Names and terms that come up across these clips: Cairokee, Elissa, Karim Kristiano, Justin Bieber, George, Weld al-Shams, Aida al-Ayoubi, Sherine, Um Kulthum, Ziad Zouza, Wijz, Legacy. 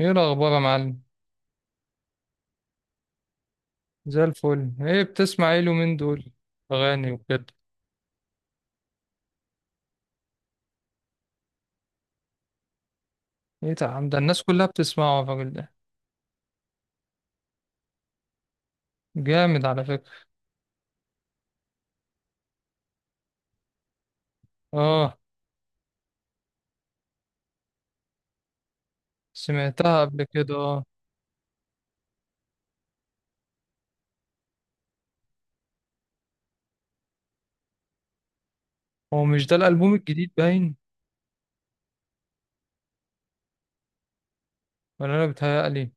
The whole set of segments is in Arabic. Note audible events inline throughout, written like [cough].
ايه الاخبار يا معلم؟ زي الفل. ايه بتسمع ايه اليومين دول؟ اغاني وكده. ايه ده؟ عم، ده الناس كلها بتسمعه الراجل ده. جامد على فكرة. اه، سمعتها قبل كده اه. هو مش ده الالبوم الجديد باين؟ ولا انا بتهيألي.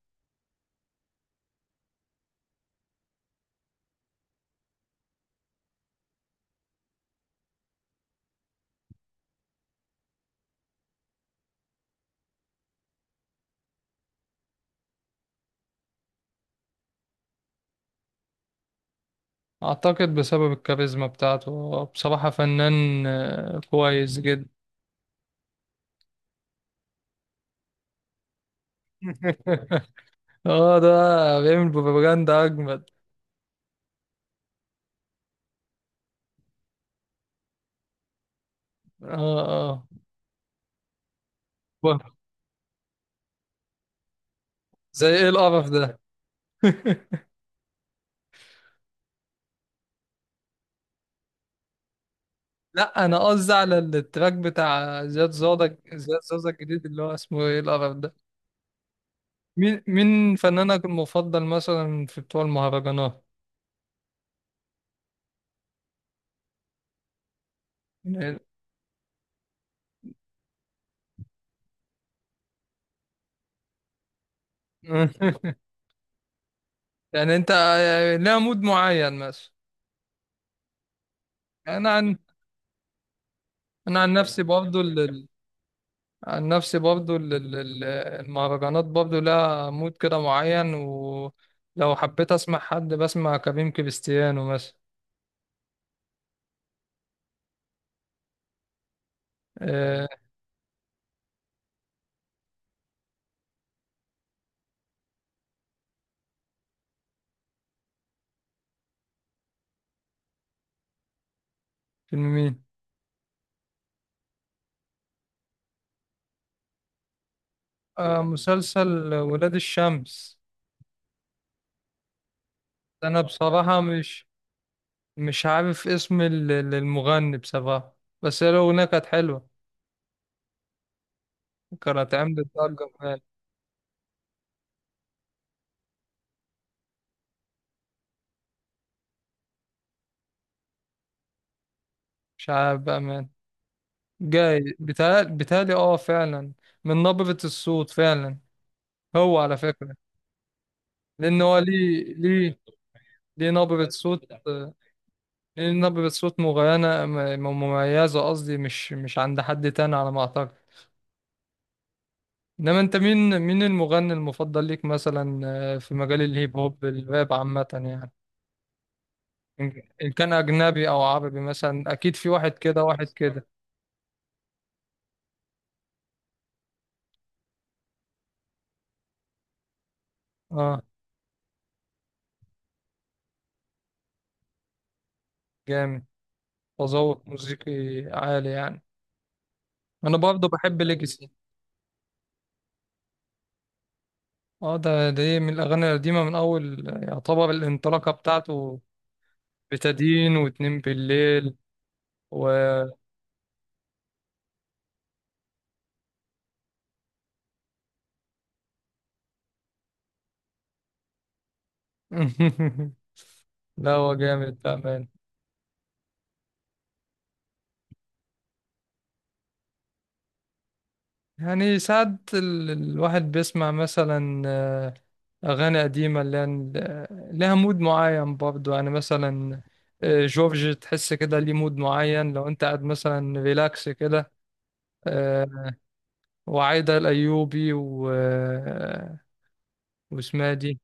اعتقد بسبب الكاريزما بتاعته، هو بصراحة فنان كويس جدا. [laughs] اه، ده بيعمل بروباجندا اجمد. اه اه، زي ايه القرف ده. [laughs] لا، انا قصدي على التراك بتاع زياد زوزة، زياد زوزة الجديد اللي هو اسمه ايه القرف ده. مين مين فنانك المفضل مثلا في بتوع المهرجانات؟ [laughs] يعني انت لها مود معين مثلا؟ انا عن انا عن نفسي برضو عن نفسي برضو المهرجانات برضو لها مود كده معين، ولو حبيت اسمع حد بسمع كريم كريستيانو مثلا. آه، فيلم مين؟ مسلسل ولاد الشمس. انا بصراحة مش عارف اسم المغني بصراحة، بس هي الأغنية كانت حلوة. كانت عملت ضجة فعلا. مش عارف بقى مان. جاي بيتهيألي، اه فعلا. من نبرة الصوت فعلا. هو على فكرة، لأن هو ليه ليه نبرة صوت ليه نبرة صوت مغيرة، مميزة قصدي، مش عند حد تاني على ما أعتقد. إنما أنت مين المغني المفضل ليك مثلا؟ في مجال الهيب هوب الراب عامة يعني. إن كان أجنبي أو عربي، مثلا أكيد في واحد كده واحد كده. أه جامد. تذوق موسيقي عالي يعني. أنا برضه بحب ليجاسي. أه ده، إيه، من الأغاني القديمة، من أول يعتبر الانطلاقة بتاعته. بتدين واتنين بالليل و... [laughs] لا هو جامد بأمانة. يعني ساعات الواحد بيسمع مثلا أغاني قديمة لها مود معين برضو يعني. مثلا جورج، تحس كده ليه مود معين لو أنت قاعد مثلا ريلاكس كده. آه، وعايدة الأيوبي و واسمها دي.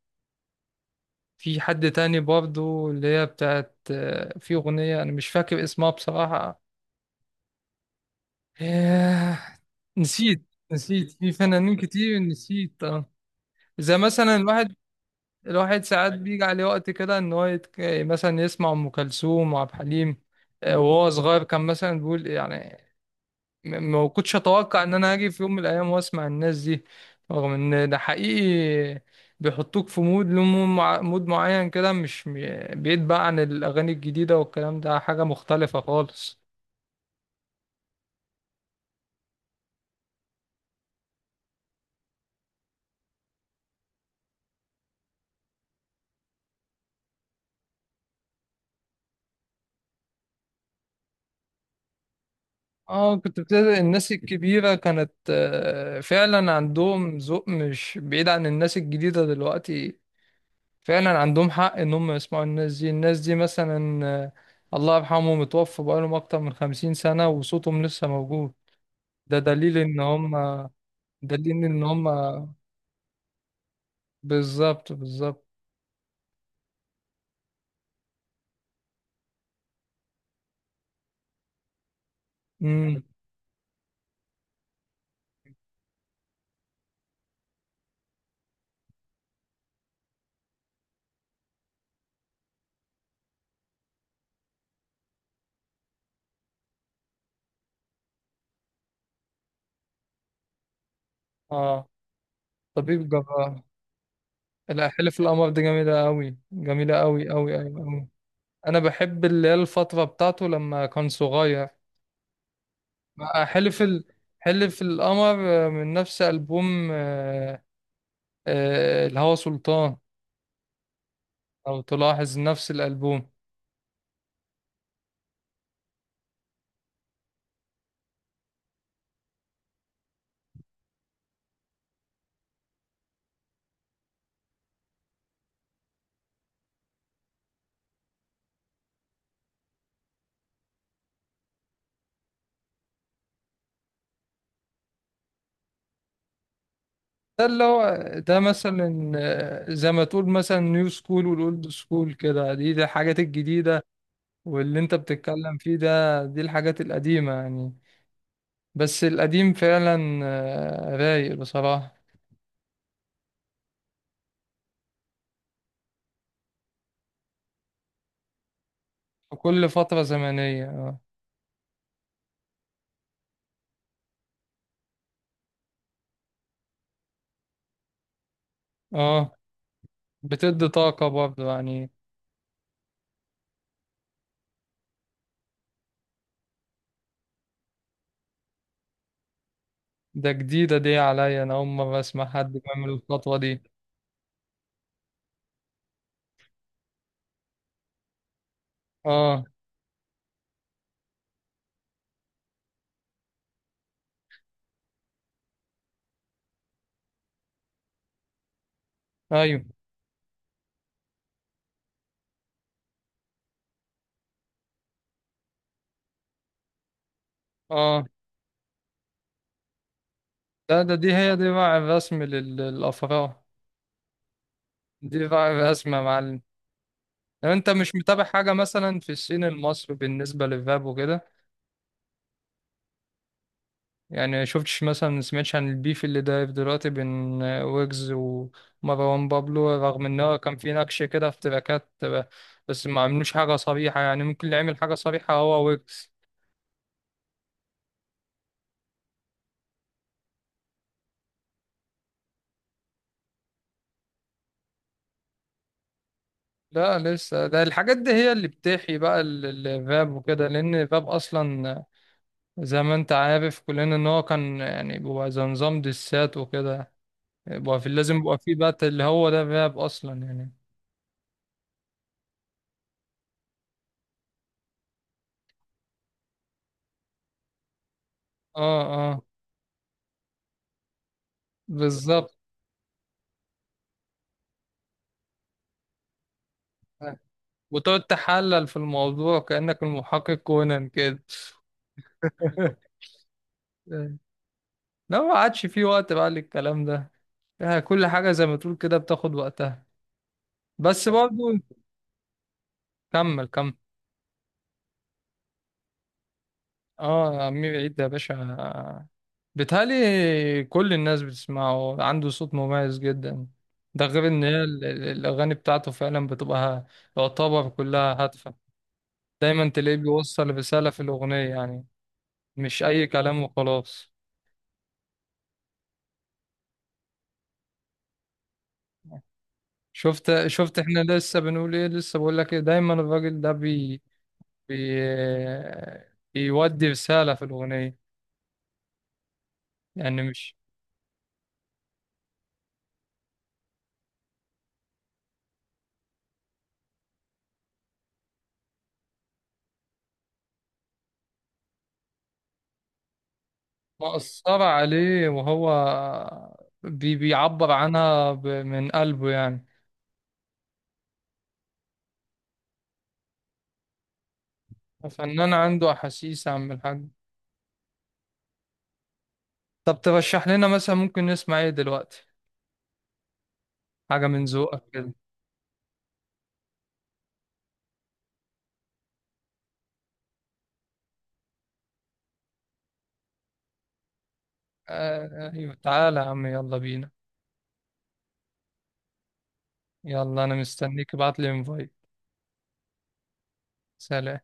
في حد تاني برضو اللي هي بتاعت في أغنية أنا مش فاكر اسمها بصراحة. آه، نسيت، في فنانين كتير نسيت اه. زي مثلا الواحد، ساعات بيجي عليه وقت كده ان هو مثلا يسمع ام كلثوم وعبد الحليم. وهو صغير كان مثلا بيقول يعني، ما كنتش اتوقع ان انا هاجي في يوم من الايام واسمع الناس دي. رغم ان ده حقيقي، بيحطوك في مود له مود معين كده، مش م- بعيد بقى عن الاغاني الجديده والكلام ده، حاجه مختلفه خالص. اه، كنت بتلاقي الناس الكبيرة كانت فعلا عندهم ذوق مش بعيد عن الناس الجديدة دلوقتي. فعلا عندهم حق ان هم يسمعوا الناس دي. الناس دي مثلا الله يرحمه، متوفى بقالهم اكتر من 50 سنة وصوتهم لسه موجود. ده دليل ان هم، بالظبط بالظبط. امم اه طبيب جبار. الأحلف في القمر دي جميلة قوي، جميلة قوي قوي قوي قوي. انا بحب اللي هي الفترة بتاعته لما كان صغير. بقى حلف حلف القمر. من نفس ألبوم الهوى سلطان. لو تلاحظ نفس الألبوم. ده اللي هو ده مثلا زي ما تقول مثلا نيو سكول والأولد سكول كده. دي الحاجات الجديدة، واللي انت بتتكلم فيه ده دي الحاجات القديمة يعني. بس القديم فعلا رايق بصراحة. في كل فترة زمنية. اه، بتدي طاقة برضه يعني. ده جديدة دي عليا، أنا أول مرة أسمع حد بيعمل الخطوة دي. اه. أيوه. اه ده، دي هي دي بقى الرسم للأفراح. دي بقى الرسمة يا معلم. لو انت مش متابع حاجة مثلا في الصين المصري بالنسبة للفاب وكده. يعني شفتش مثلا، سمعتش عن البيف اللي دايف دلوقتي بين ويجز ومروان بابلو؟ رغم ان هو كان في نكش كده في تراكات، بس ما عملوش حاجة صريحة يعني. ممكن اللي عمل حاجة صريحة هو ويجز. لا لسه، ده الحاجات دي هي اللي بتحيي بقى الراب وكده. لان الراب اصلا زي ما انت عارف كلنا ان هو كان يعني بيبقى زي نظام دسات وكده. يبقى في، لازم يبقى في بقى اللي هو ده الراب اصلا يعني. اه اه بالظبط. وتقعد تحلل في الموضوع كأنك المحقق كونان كده. [laughs] لا ما عادش في وقت بقى للكلام ده. يعني كل حاجة زي ما تقول كده بتاخد وقتها. بس برضو كمل كمل. اه يا عمي بعيد يا باشا، بيتهيألي كل الناس بتسمعه. عنده صوت مميز جدا. ده غير ان هي الاغاني بتاعته فعلا بتبقى يعتبر كلها هادفة. دايما تلاقيه بيوصل رسالة في الاغنية يعني، مش اي كلام وخلاص. شفت احنا لسه بنقول ايه، لسه بقول لك ايه، دايما الراجل ده بي بي بيودي رسالة في الأغنية. يعني مش مقصر عليه. وهو بيعبر عنها من قلبه يعني. فنان عنده أحاسيس يا عم الحاج. طب ترشح لنا مثلا ممكن نسمع ايه دلوقتي؟ حاجة من ذوقك كده. ايوه، تعالى يا عم يلا بينا. يلا انا مستنيك، ابعت لي انفايت. سلام.